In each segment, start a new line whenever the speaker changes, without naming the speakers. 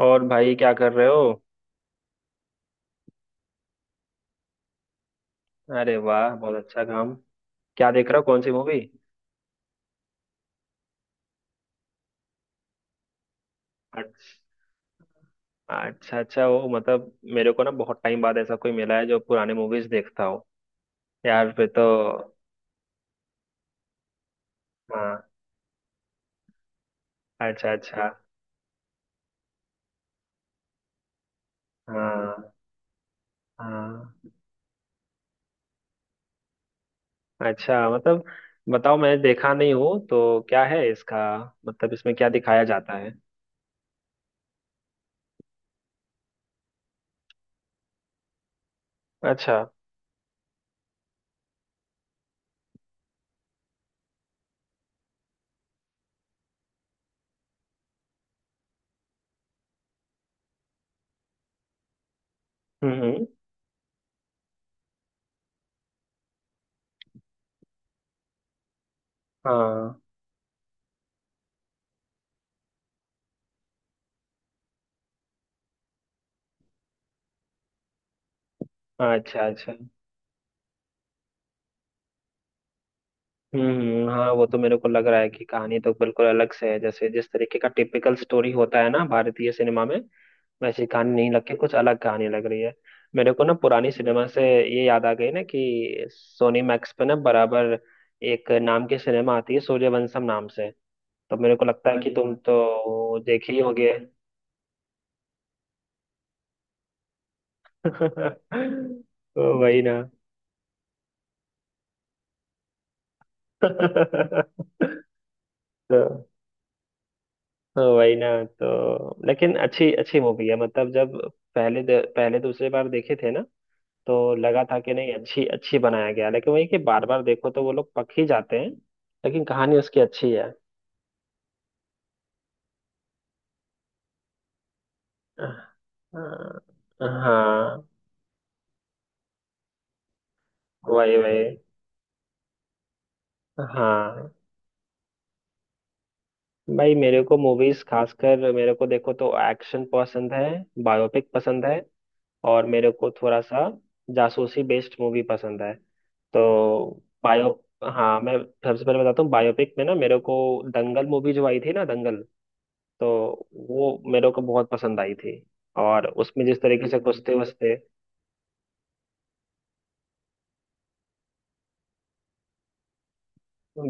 और भाई क्या कर रहे हो। अरे वाह, बहुत अच्छा काम। क्या देख रहे हो, कौन सी मूवी। अच्छा। अच्छा अच्छा, वो मतलब मेरे को ना बहुत टाइम बाद ऐसा कोई मिला है जो पुराने मूवीज देखता हो। यार फिर तो। हाँ। अच्छा अच्छा। हाँ हाँ। अच्छा, मतलब बताओ, मैं देखा नहीं हूँ तो क्या है इसका, मतलब इसमें क्या दिखाया जाता है। अच्छा। हम्म हम्म, हाँ। अच्छा अच्छा। हाँ वो तो मेरे को लग रहा है कि कहानी तो बिल्कुल अलग से है, जैसे जिस तरीके का टिपिकल स्टोरी होता है ना भारतीय सिनेमा में, वैसी कहानी नहीं लग के कुछ अलग कहानी लग रही है। मेरे को ना पुरानी सिनेमा से ये याद आ गई ना कि सोनी मैक्स पे ना बराबर एक नाम की सिनेमा आती है सूर्यवंशम नाम से, तो मेरे को लगता है कि तुम तो देखे ही होगे। तो वही ना। तो तो वही ना, तो लेकिन अच्छी अच्छी मूवी है मतलब, जब पहले दूसरे बार देखे थे ना तो लगा था कि नहीं अच्छी अच्छी बनाया गया, लेकिन वही कि बार बार देखो तो वो लोग पक ही जाते हैं। लेकिन कहानी उसकी अच्छी है। हाँ। वही वही। हाँ। भाई मेरे को मूवीज खासकर मेरे को देखो तो एक्शन पसंद है, बायोपिक पसंद है, और मेरे को थोड़ा सा जासूसी बेस्ड मूवी पसंद है। तो बायो, हाँ मैं सबसे पहले बताता हूँ बायोपिक में ना, मेरे को दंगल मूवी जो आई थी ना दंगल, तो वो मेरे को बहुत पसंद आई थी और उसमें जिस तरीके से कुश्ते वस्ते।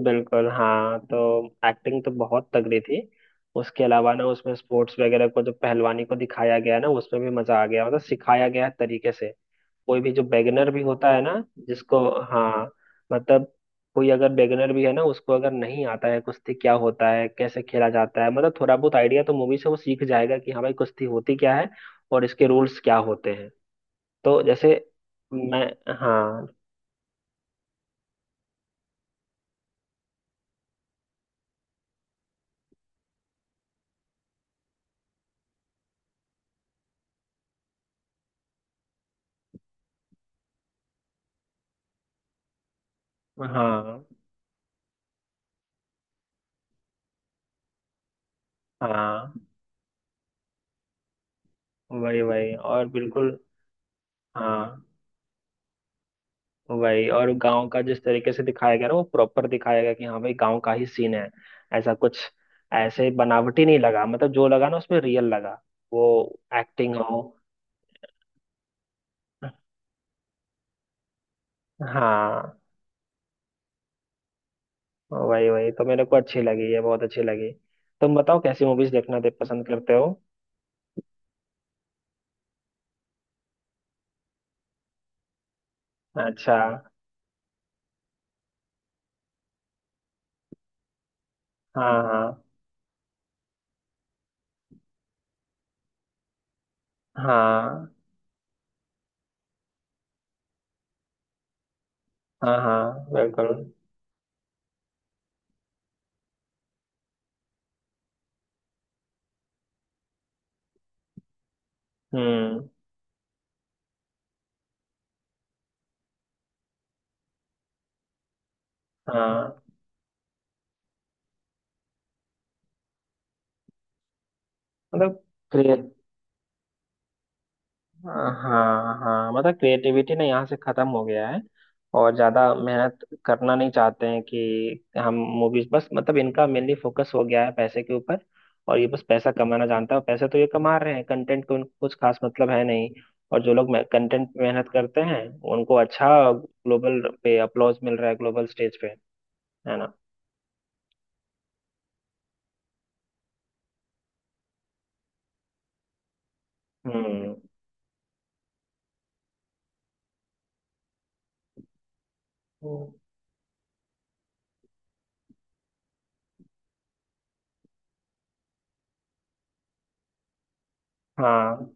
बिल्कुल हाँ, तो एक्टिंग तो बहुत तगड़ी थी। उसके अलावा ना उसमें स्पोर्ट्स वगैरह को जो पहलवानी को दिखाया गया ना उसमें भी मजा आ गया, मतलब सिखाया गया तरीके से। कोई भी जो बेगनर भी होता है ना, जिसको, हाँ मतलब, कोई अगर बेगनर भी है ना, उसको अगर नहीं आता है कुश्ती क्या होता है, कैसे खेला जाता है, मतलब थोड़ा बहुत आइडिया तो मूवी से वो सीख जाएगा कि हाँ भाई कुश्ती होती क्या है और इसके रूल्स क्या होते हैं। तो जैसे, मैं, हाँ हाँ हाँ। वही वही और बिल्कुल। हाँ वही, और गांव का जिस तरीके से दिखाया गया ना वो प्रॉपर दिखाया गया कि हाँ भाई गांव का ही सीन है, ऐसा कुछ, ऐसे बनावटी नहीं लगा, मतलब जो लगा ना उसमें रियल लगा। वो एक्टिंग हो, हाँ वही वही, तो मेरे को अच्छी लगी ये, बहुत अच्छी लगी। तुम बताओ कैसी मूवीज देखना दे पसंद करते हो। अच्छा। हाँ हाँ। हाँ हाँ हाँ बिल्कुल। हम्म। हाँ, मतलब। हाँ हाँ हाँ। मतलब क्रिएटिविटी ना यहाँ से खत्म हो गया है, और ज्यादा मेहनत करना नहीं चाहते हैं कि हम मूवीज, बस मतलब इनका मेनली फोकस हो गया है पैसे के ऊपर, और ये बस पैसा कमाना जानता है, और पैसे तो ये कमा रहे हैं, कंटेंट को उनको कुछ खास मतलब है नहीं। और जो लोग कंटेंट पे मेहनत करते हैं, उनको अच्छा ग्लोबल पे अपलॉज मिल रहा है, ग्लोबल स्टेज पे, है ना। हम्म हम्म। हाँ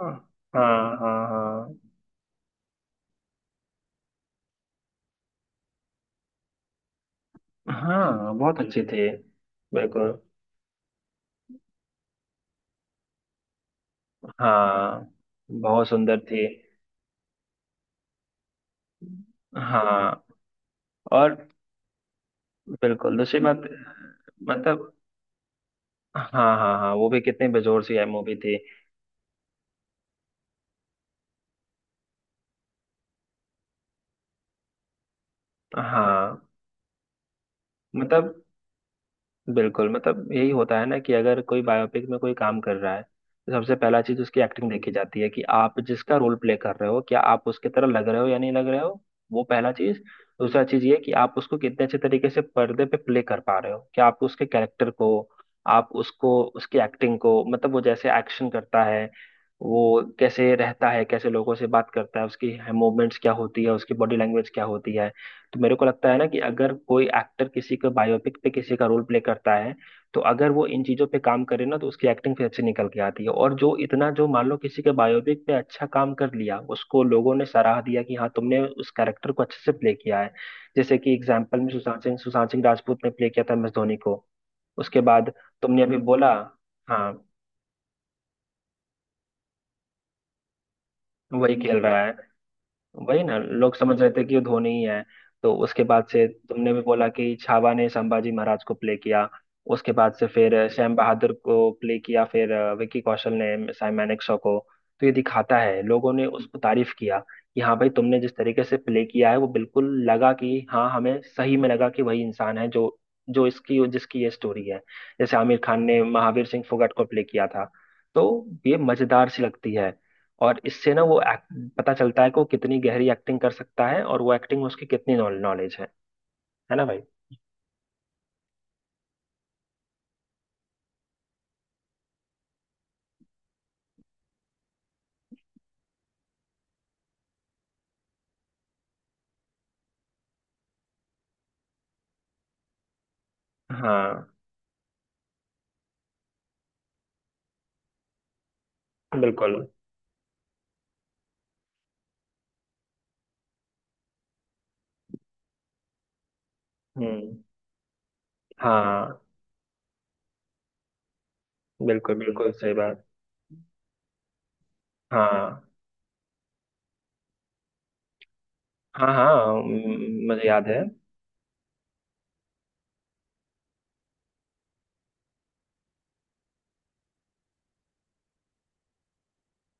हाँ हाँ। हाँ हाँ हाँ, बहुत अच्छी थी। बिल्कुल। हाँ, बहुत सुंदर थी। हाँ। और बिल्कुल दूसरी बात। मतलब, हाँ। हाँ हाँ, वो भी कितनी बेजोर सी है मूवी थी। हाँ। मतलब, बिल्कुल मतलब यही होता है ना कि अगर कोई बायोपिक में कोई काम कर रहा है, तो सबसे पहला चीज उसकी एक्टिंग देखी जाती है कि आप जिसका रोल प्ले कर रहे हो, क्या आप उसके तरह लग रहे हो या नहीं लग रहे हो। वो पहला चीज। दूसरा चीज ये कि आप उसको कितने अच्छे तरीके से पर्दे पे प्ले कर पा रहे हो, क्या आप उसके कैरेक्टर को, आप उसको उसकी एक्टिंग को, मतलब वो जैसे एक्शन करता है, वो कैसे रहता है, कैसे लोगों से बात करता है, उसकी मूवमेंट्स क्या होती है, उसकी बॉडी लैंग्वेज क्या होती है। तो मेरे को लगता है ना कि अगर कोई एक्टर किसी का बायोपिक पे किसी का रोल प्ले करता है, तो अगर वो इन चीजों पे काम करे ना तो उसकी एक्टिंग फिर अच्छी निकल के आती है, और जो इतना जो मान लो किसी के बायोपिक पे अच्छा काम कर लिया, उसको लोगों ने सराह दिया कि हाँ तुमने उस कैरेक्टर को अच्छे से प्ले किया है। जैसे कि एग्जाम्पल में सुशांत सिंह राजपूत ने प्ले किया था एम एस धोनी को। उसके बाद तुमने अभी बोला, हाँ, वही खेल रहा है। वही ना, लोग समझ रहे थे कि ये धोनी ही है। तो उसके बाद से तुमने भी बोला कि छावा ने संभाजी महाराज को प्ले किया। उसके बाद से फिर सैम बहादुर को प्ले किया, फिर विकी कौशल ने साई मानेकशॉ को। तो ये दिखाता है लोगों ने उसको तारीफ किया कि हाँ भाई तुमने जिस तरीके से प्ले किया है वो बिल्कुल लगा कि हाँ, हमें सही में लगा कि वही इंसान है जो, जो इसकी जिसकी ये स्टोरी है। जैसे आमिर खान ने महावीर सिंह फोगाट को प्ले किया था, तो ये मजेदार सी लगती है। और इससे ना वो पता चलता है कि वो कितनी गहरी एक्टिंग कर सकता है, और वो एक्टिंग में उसकी कितनी नॉलेज है ना भाई। हाँ बिल्कुल। हम्म। हाँ बिल्कुल, बिल्कुल सही बात। हाँ हाँ। हाँ मुझे याद है।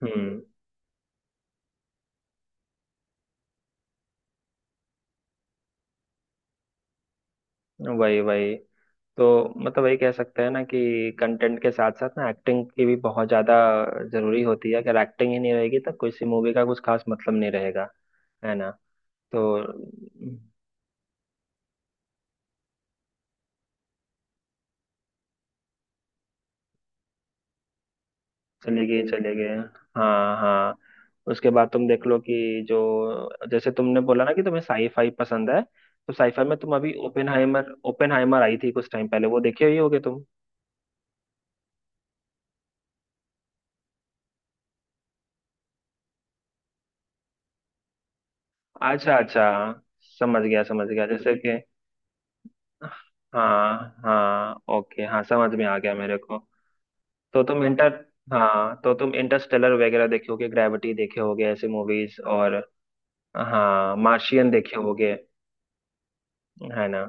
हम्म। वही वही, तो मतलब वही कह सकते हैं ना कि कंटेंट के साथ साथ ना एक्टिंग की भी बहुत ज्यादा जरूरी होती है, अगर एक्टिंग ही नहीं रहेगी तो किसी मूवी का कुछ खास मतलब नहीं रहेगा, है ना। तो चले गए चले गए। हाँ हाँ। उसके बाद तुम देख लो कि जो जैसे तुमने बोला ना कि तुम्हें साईफाई पसंद है, तो साईफाई में तुम अभी ओपेनहाइमर, ओपेनहाइमर आई थी कुछ टाइम पहले, वो देखे ही होगे तुम। अच्छा अच्छा, समझ गया समझ गया, जैसे कि। हाँ हाँ ओके, हाँ समझ में आ गया मेरे को। तो तुम इंटर हाँ तो तुम इंटरस्टेलर वगैरह देखे होगे, ग्रेविटी देखे होगे, ऐसे मूवीज। और हाँ मार्शियन देखे होगे, है ना।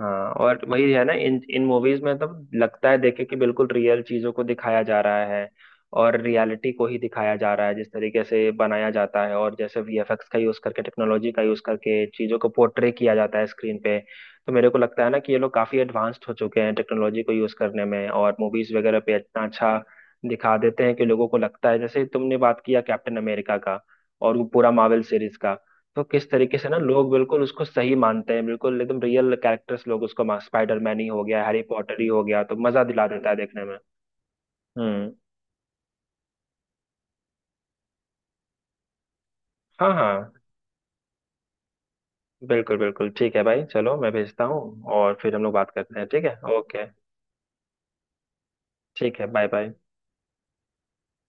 हाँ और वही है ना, इन इन मूवीज में तब लगता है देखे कि बिल्कुल रियल चीजों को दिखाया जा रहा है, और रियलिटी को ही दिखाया जा रहा है जिस तरीके से बनाया जाता है, और जैसे वीएफएक्स का यूज करके, टेक्नोलॉजी का यूज करके चीजों को पोर्ट्रे किया जाता है स्क्रीन पे। तो मेरे को लगता है ना कि ये लोग काफी एडवांस्ड हो चुके हैं टेक्नोलॉजी को यूज करने में, और मूवीज वगैरह पे इतना अच्छा दिखा देते हैं कि लोगों को लगता है, जैसे तुमने बात किया कैप्टन अमेरिका का, और वो पूरा मार्वल सीरीज का, तो किस तरीके से ना लोग बिल्कुल उसको सही मानते हैं, बिल्कुल एकदम रियल कैरेक्टर्स लोग उसको स्पाइडरमैन ही हो गया, हैरी पॉटर ही हो गया, तो मजा दिला देता है देखने में। हम्म। हाँ हाँ। बिल्कुल बिल्कुल ठीक है भाई, चलो मैं भेजता हूँ, और फिर हम लोग बात करते हैं, ठीक है, ओके। ठीक है, बाय बाय।